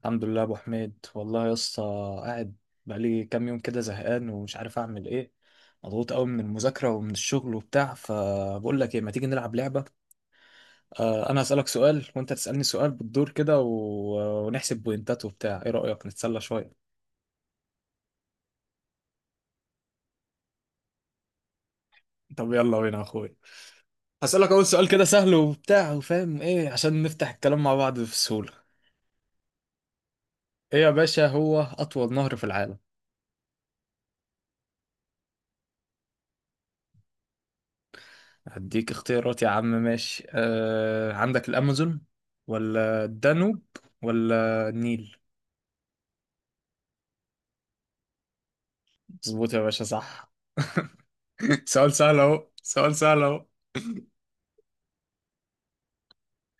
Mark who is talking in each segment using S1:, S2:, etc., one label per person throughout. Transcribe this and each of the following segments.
S1: الحمد لله يا ابو حميد، والله يا اسطى. قاعد بقالي كام يوم كده، زهقان ومش عارف اعمل ايه. مضغوط قوي من المذاكره ومن الشغل وبتاع، فبقول لك ايه، ما تيجي نلعب لعبه. انا هسالك سؤال وانت تسالني سؤال بالدور كده ونحسب بوينتات وبتاع، ايه رايك نتسلى شويه؟ طب يلا بينا يا اخويا. هسالك اول سؤال كده سهل وبتاع وفاهم ايه، عشان نفتح الكلام مع بعض بسهوله. ايه يا باشا، هو اطول نهر في العالم؟ هديك اختيارات يا عم، ماشي. عندك الأمازون، ولا الدانوب، ولا النيل؟ مظبوط يا باشا، صح. سؤال سهل اهو، سؤال سهل اهو.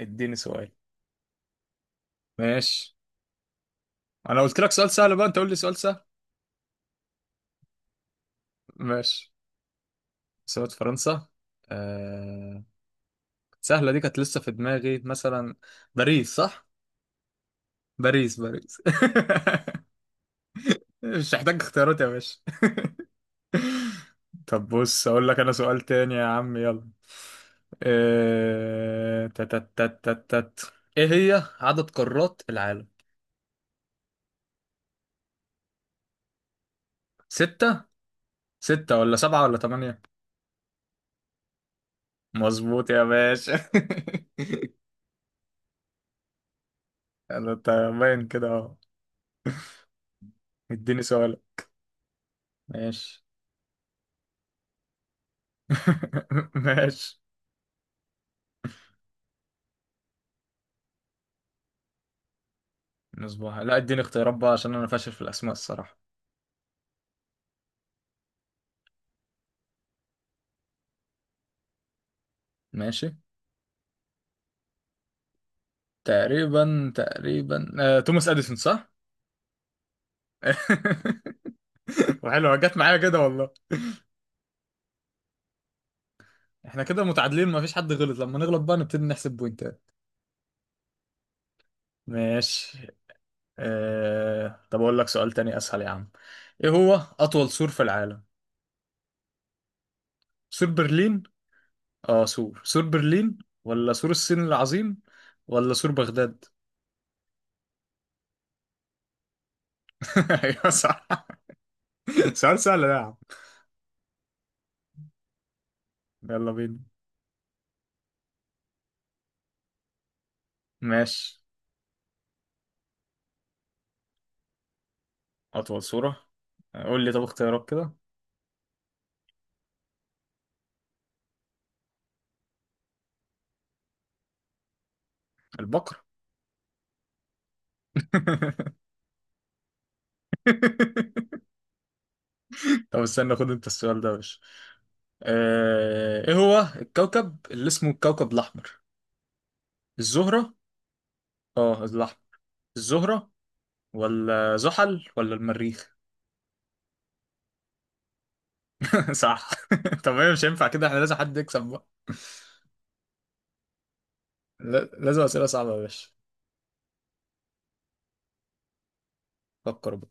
S1: اديني سؤال. ماشي. انا قلت لك سؤال سهل بقى، انت قول لي سؤال سهل. ماشي. سؤال فرنسا. آه... سهلة دي كانت لسه في دماغي مثلا. باريس صح؟ باريس، باريس. مش محتاج اختيارات يا باشا. طب بص اقول لك انا سؤال تاني يا عم، يلا. إيه... تت تت تت تت. ايه هي عدد قارات العالم؟ ستة. ستة ولا سبعة ولا تمانية؟ مظبوط يا باشا. أنت باين كده اهو. اديني سؤال. ماشي. ماشي. مصباح. لا، اديني اختيارات بقى، عشان انا فاشل في الاسماء الصراحة. ماشي. تقريبا، تقريبا، توماس اديسون صح. وحلوه جت معايا كده. احنا كده متعادلين، مفيش حد غلط. لما نغلط بقى نبتدي نحسب بوينتات. ماشي. اه... طب اقول لك سؤال تاني اسهل يا عم. ايه هو اطول سور في العالم؟ سور برلين. اه سور برلين، ولا سور الصين العظيم، ولا سور بغداد؟ ايوه، صح. سؤال سهل ده يا عم. يلا بينا. ماشي. اطول سورة. قول لي طب اختيارات كده. البقر. طب استنى، خد انت السؤال ده يا باشا. ايه هو الكوكب اللي اسمه الكوكب الاحمر؟ الزهرة. اه الأحمر. الزهرة، ولا زحل، ولا المريخ؟ صح. طب هي مش هينفع كده، احنا لازم حد يكسب بقى. لازم أسئلة صعبة يا باشا. فكر بقى.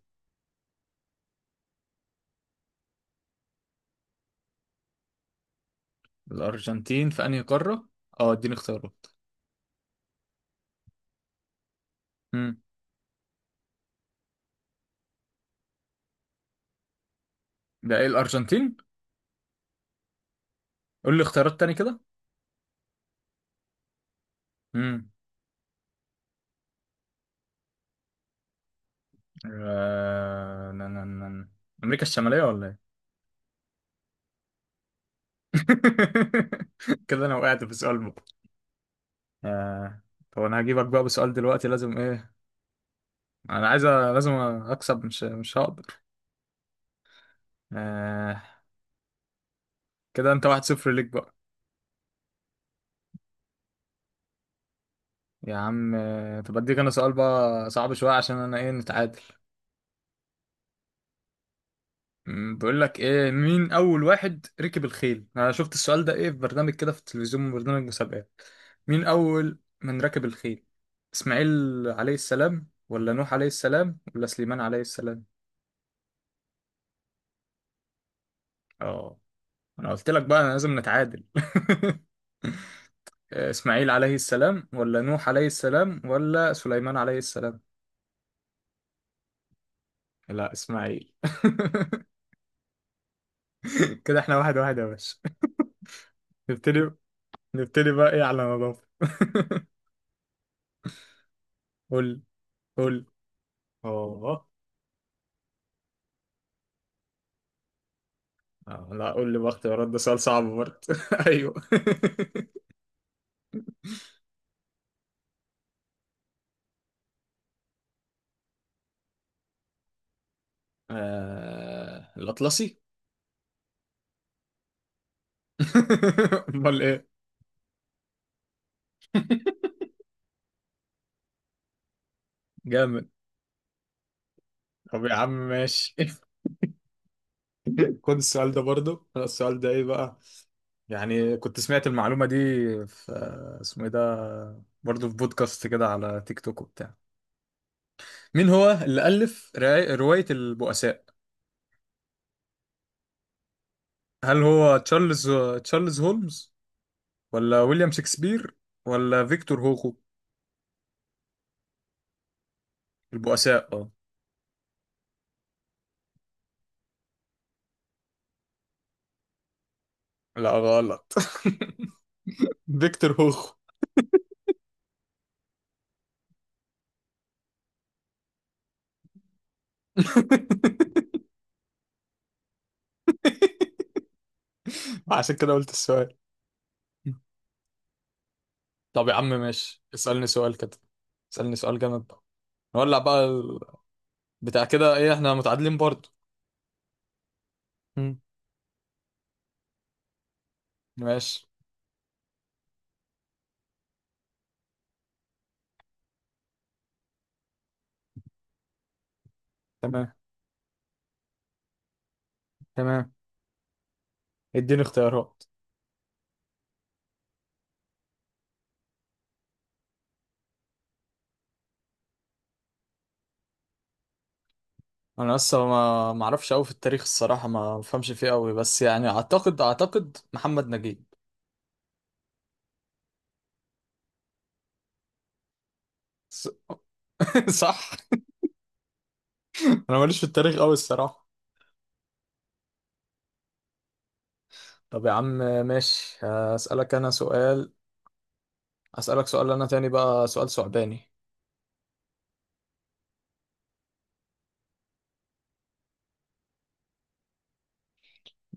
S1: الأرجنتين في أنهي قارة؟ اه، اديني اختيارات. امم ده ايه الأرجنتين؟ قول لي اختيارات تاني كده. امم آه... نا- نا- نا- نا. أمريكا الشمالية ولا ايه؟ كده أنا وقعت في سؤال بقى. آه... طب أنا هجيبك بقى بسؤال دلوقتي، لازم ايه؟ أنا عايز لازم أكسب. مش هقدر. آه كده انت واحد صفر ليك بقى. يا عم طب اديك انا سؤال بقى صعب شوية، عشان انا ايه نتعادل. بقول لك ايه، مين اول واحد ركب الخيل؟ انا شفت السؤال ده ايه في برنامج كده في التلفزيون، برنامج مسابقات. مين اول من ركب الخيل؟ اسماعيل عليه السلام، ولا نوح عليه السلام، ولا سليمان عليه السلام؟ اه، انا قلت لك بقى انا لازم نتعادل. اسماعيل عليه السلام، ولا نوح عليه السلام، ولا سليمان عليه السلام؟ لا، اسماعيل. كده احنا واحد واحد يا باشا. نبتدي نبتدي بقى ايه على نظافة. قول لي- قول لي. اه. لا قول لي بقى اختيارات، ده سؤال صعب برضه. ايوه. الأطلسي. امال ايه. جامد. طب يا عم ماشي. خد السؤال ده برضه، أنا السؤال ده ايه بقى. يعني كنت سمعت المعلومة دي في اسمه ايه ده برضه، في بودكاست كده على تيك توك وبتاع. مين هو اللي ألف رواية البؤساء؟ هل هو تشارلز هولمز، ولا ويليام شكسبير، ولا فيكتور هوخو؟ البؤساء اه. لا، غلط. فيكتور هوخو. عشان كده قلت السؤال. طب يا عم ماشي، اسألني سؤال كده. اسألني سؤال جامد بقى. نولع بقى بتاع كده ايه، احنا متعادلين برضه. مم. ماشي. تمام، تمام. اديني اختيارات. انا لسه ما اعرفش قوي في التاريخ الصراحة، ما بفهمش فيه قوي، بس يعني اعتقد اعتقد محمد نجيب. صح. انا ماليش في التاريخ قوي الصراحه. طب يا عم ماشي. هسألك انا سؤال. هسألك سؤال انا تاني بقى، سؤال ثعباني.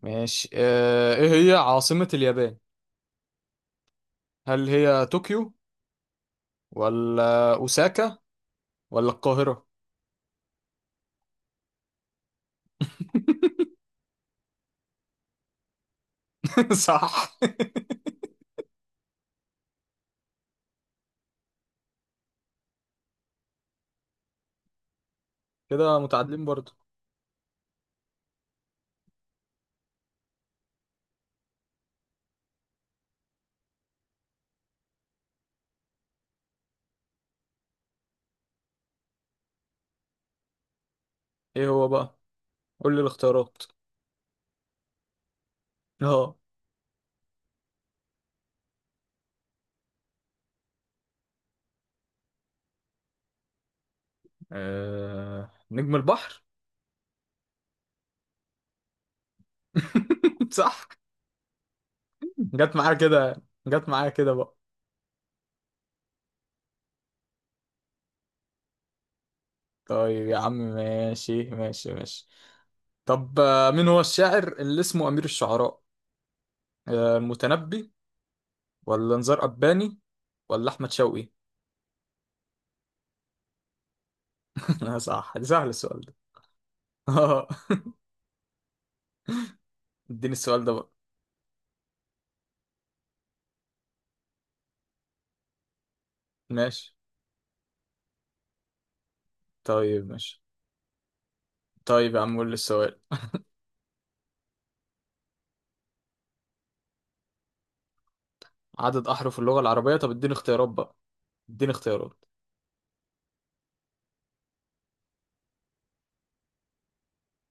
S1: ماشي. ايه هي عاصمة اليابان؟ هل هي طوكيو، ولا اوساكا، ولا القاهرة؟ صح. كده متعادلين برضو. ايه هو بقى؟ قول لي الاختيارات. اه. نجم البحر. صح. جت معايا كده، جت معايا كده بقى. طيب يا عم ماشي، ماشي، ماشي. طب مين هو الشاعر اللي اسمه أمير الشعراء؟ المتنبي، ولا نزار قباني، ولا أحمد شوقي؟ صح، ده سهل السؤال ده. آه، اديني السؤال ده بقى. ماشي. طيب ماشي. طيب يا عم قول لي السؤال. عدد أحرف اللغة العربية. طب اديني اختيارات بقى. اديني اختيارات.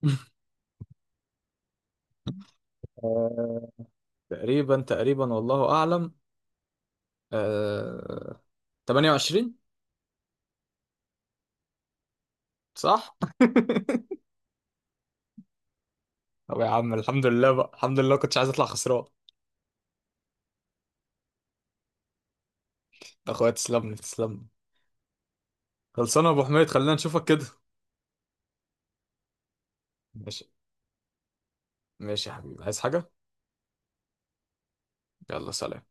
S1: آه، تقريبا، تقريبا، والله أعلم. آه، 28، صح؟ طب يا عم الحمد لله بقى، الحمد لله كنتش عايز أطلع خسران. يا أخويا تسلم لي، تسلم لي. خلصانه يا ابو حميد، خلينا نشوفك كده. ماشي. ماشي يا حبيبي، عايز حاجه؟ يلا، سلام.